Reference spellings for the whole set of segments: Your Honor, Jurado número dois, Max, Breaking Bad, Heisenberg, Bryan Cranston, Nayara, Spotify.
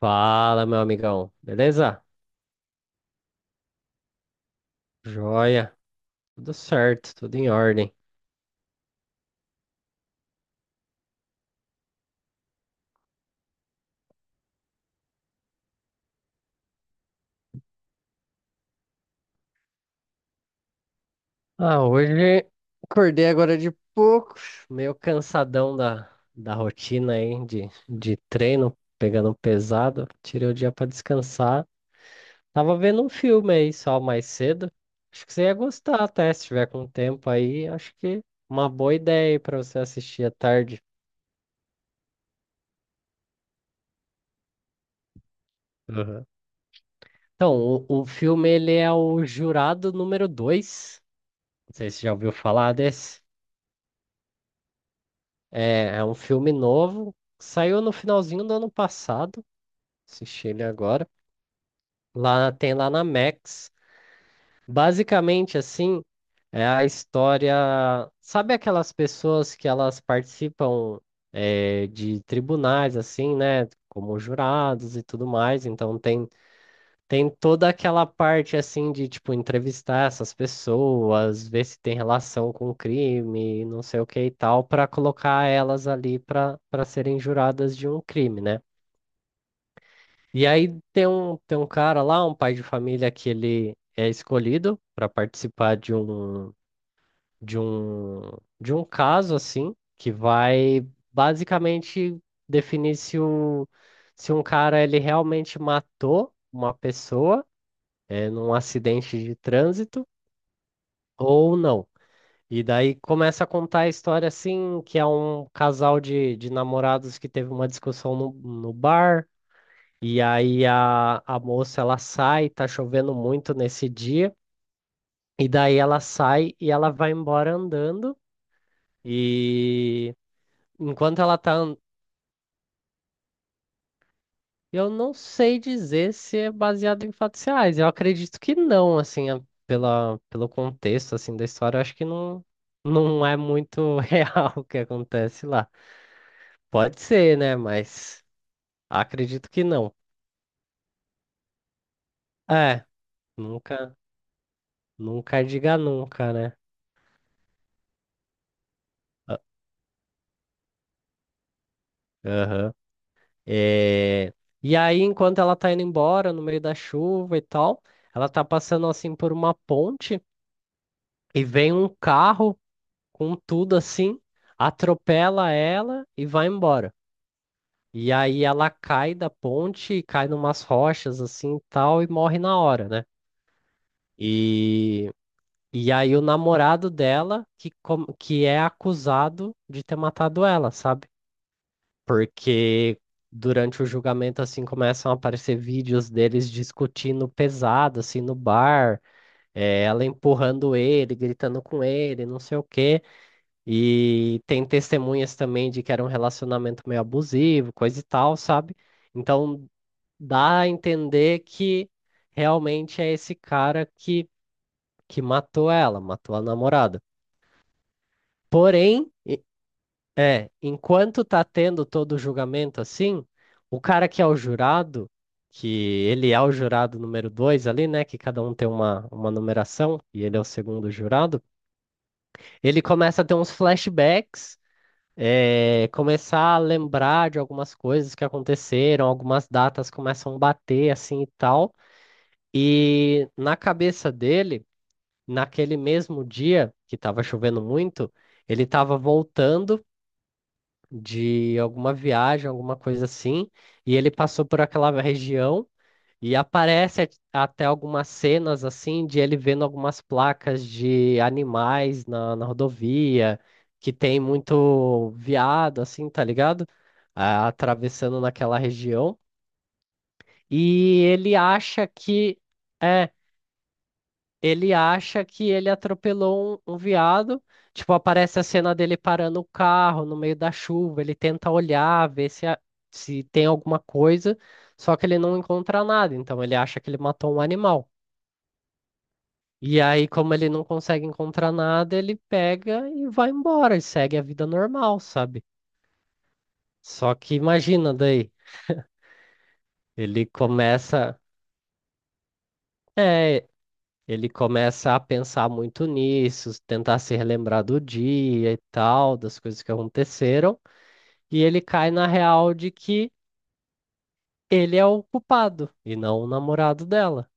Fala, meu amigão. Beleza? Joia. Tudo certo, tudo em ordem. Ah, hoje acordei agora de pouco, meio cansadão da rotina aí de treino, pegando pesado. Tirei o dia pra descansar. Tava vendo um filme aí só mais cedo. Acho que você ia gostar até, se tiver com tempo aí. Acho que uma boa ideia aí pra você assistir à tarde. Aham. Então, o filme ele é o Jurado número dois. Não sei se você já ouviu falar desse. É um filme novo, saiu no finalzinho do ano passado, assisti ele agora. Lá tem lá na Max. Basicamente, assim, é a história. Sabe aquelas pessoas que elas participam de tribunais, assim, né? Como jurados e tudo mais. Então tem toda aquela parte assim de tipo entrevistar essas pessoas, ver se tem relação com o crime, não sei o que e tal, para colocar elas ali para serem juradas de um crime, né? E aí tem um cara lá, um pai de família que ele é escolhido para participar de um de um de um caso assim, que vai basicamente definir se um cara ele realmente matou uma pessoa num acidente de trânsito ou não. E daí começa a contar a história assim, que é um casal de namorados que teve uma discussão no bar, e aí a moça ela sai, tá chovendo muito nesse dia, e daí ela sai e ela vai embora andando, e enquanto ela tá Eu não sei dizer se é baseado em fatos reais. Eu acredito que não, assim, pela, pelo contexto assim da história, eu acho que não, não é muito real o que acontece lá. Pode ser, né? Mas acredito que não. É, nunca, nunca diga nunca, né? Ah, aham. É, e aí, enquanto ela tá indo embora no meio da chuva e tal, ela tá passando assim por uma ponte e vem um carro com tudo assim, atropela ela e vai embora. E aí ela cai da ponte, cai numas rochas assim e tal e morre na hora, né? E, e aí o namorado dela que, que é acusado de ter matado ela, sabe? Porque durante o julgamento assim começam a aparecer vídeos deles discutindo pesado assim no bar, ela empurrando ele, gritando com ele, não sei o quê. E tem testemunhas também de que era um relacionamento meio abusivo, coisa e tal, sabe? Então dá a entender que realmente é esse cara que matou ela, matou a namorada. Porém, é, enquanto tá tendo todo o julgamento assim, o cara que é o jurado, que ele é o jurado número dois ali, né? Que cada um tem uma numeração, e ele é o segundo jurado, ele começa a ter uns flashbacks, começar a lembrar de algumas coisas que aconteceram, algumas datas começam a bater assim e tal. E na cabeça dele, naquele mesmo dia que estava chovendo muito, ele estava voltando de alguma viagem, alguma coisa assim, e ele passou por aquela região e até algumas cenas assim de ele vendo algumas placas de animais na rodovia, que tem muito veado, assim, tá ligado? Ah, atravessando naquela região. E ele acha que é, ele acha que ele atropelou um veado. Tipo, aparece a cena dele parando o carro no meio da chuva, ele tenta olhar, ver se, a- se tem alguma coisa, só que ele não encontra nada, então ele acha que ele matou um animal. E aí, como ele não consegue encontrar nada, ele pega e vai embora e segue a vida normal, sabe? Só que imagina daí, ele começa, é, ele começa a pensar muito nisso, tentar se relembrar do dia e tal, das coisas que aconteceram, e ele cai na real de que ele é o culpado e não o namorado dela.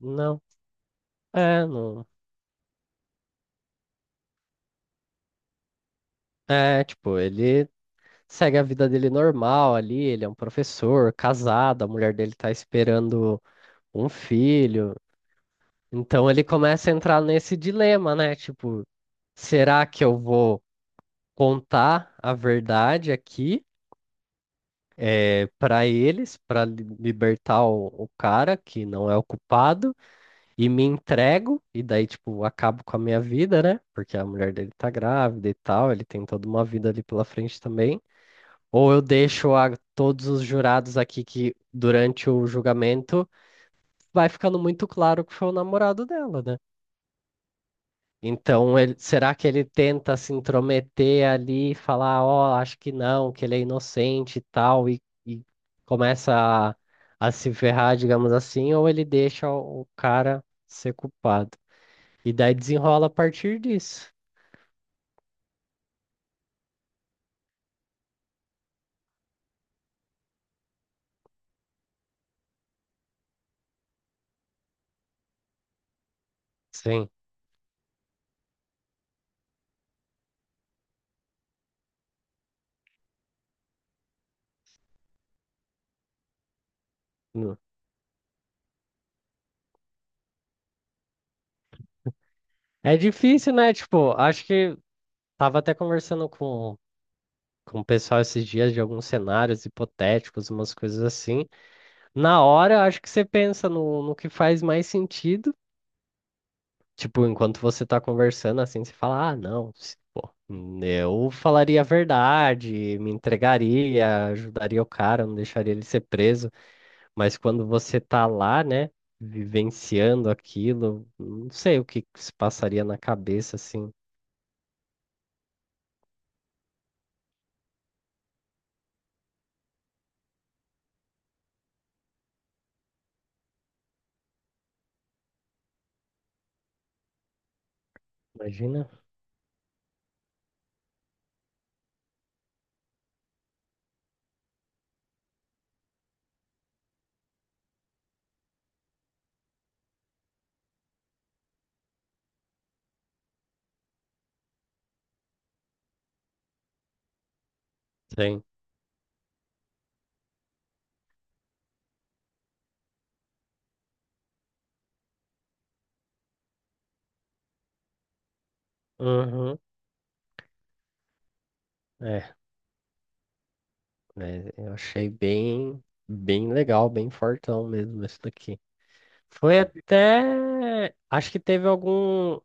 Não, é, não. É, tipo, ele segue a vida dele normal ali, ele é um professor, casado, a mulher dele tá esperando um filho. Então ele começa a entrar nesse dilema, né? Tipo, será que eu vou contar a verdade aqui para eles, para libertar o cara que não é o culpado e me entrego e daí tipo acabo com a minha vida, né? Porque a mulher dele tá grávida e tal, ele tem toda uma vida ali pela frente também. Ou eu deixo a todos os jurados aqui que, durante o julgamento, vai ficando muito claro que foi o namorado dela, né? Então, será que ele tenta se intrometer ali, e falar, ó, acho que não, que ele é inocente e tal, e começa a, a se ferrar, digamos assim, ou ele deixa o cara ser culpado? E daí desenrola a partir disso. Sim. Hum. É difícil, né? Tipo, acho que tava até conversando com o pessoal esses dias de alguns cenários hipotéticos, umas coisas assim. Na hora, eu acho que você pensa no que faz mais sentido. Tipo, enquanto você tá conversando, assim, você fala, ah, não, pô, eu falaria a verdade, me entregaria, ajudaria o cara, não deixaria ele ser preso. Mas quando você tá lá, né, vivenciando aquilo, não sei o que que se passaria na cabeça, assim. Imagina? Sim. Uhum. É, né? Eu achei bem legal, bem fortão mesmo esse daqui. Foi até. Acho que teve algum.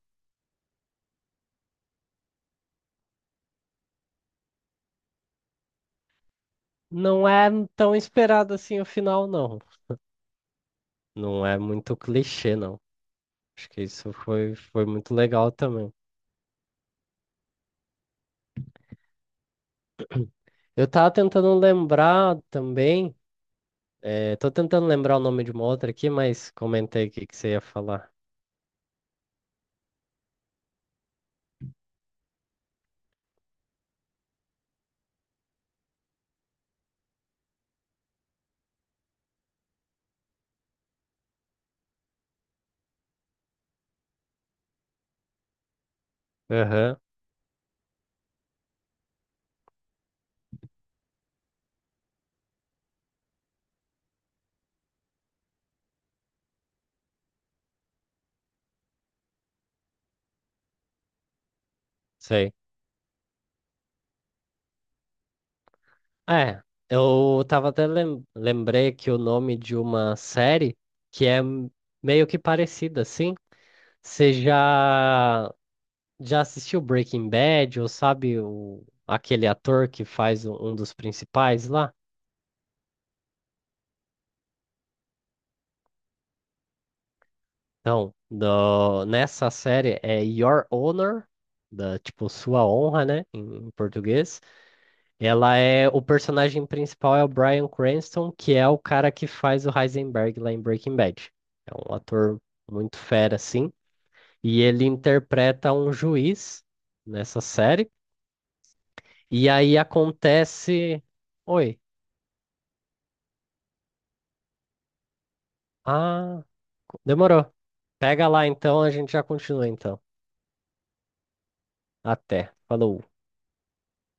Não é tão esperado assim o final, não. Não é muito clichê, não. Acho que isso foi, foi muito legal também. Eu tava tentando lembrar também. Tô tentando lembrar o nome de uma outra aqui, mas comentei o que que você ia falar. Aham, sei. É, eu tava até lembrei que o nome de uma série que é m- meio que parecida, assim. Você já, Já assistiu Breaking Bad, ou sabe o, aquele ator que faz um dos principais lá? Então, nessa série é Your Honor, da, tipo, sua honra, né, em português. Ela é. O personagem principal é o Bryan Cranston, que é o cara que faz o Heisenberg lá em Breaking Bad. É um ator muito fera, assim. E ele interpreta um juiz nessa série. E aí acontece. Oi. Ah, demorou. Pega lá então, a gente já continua então. Até. Falou.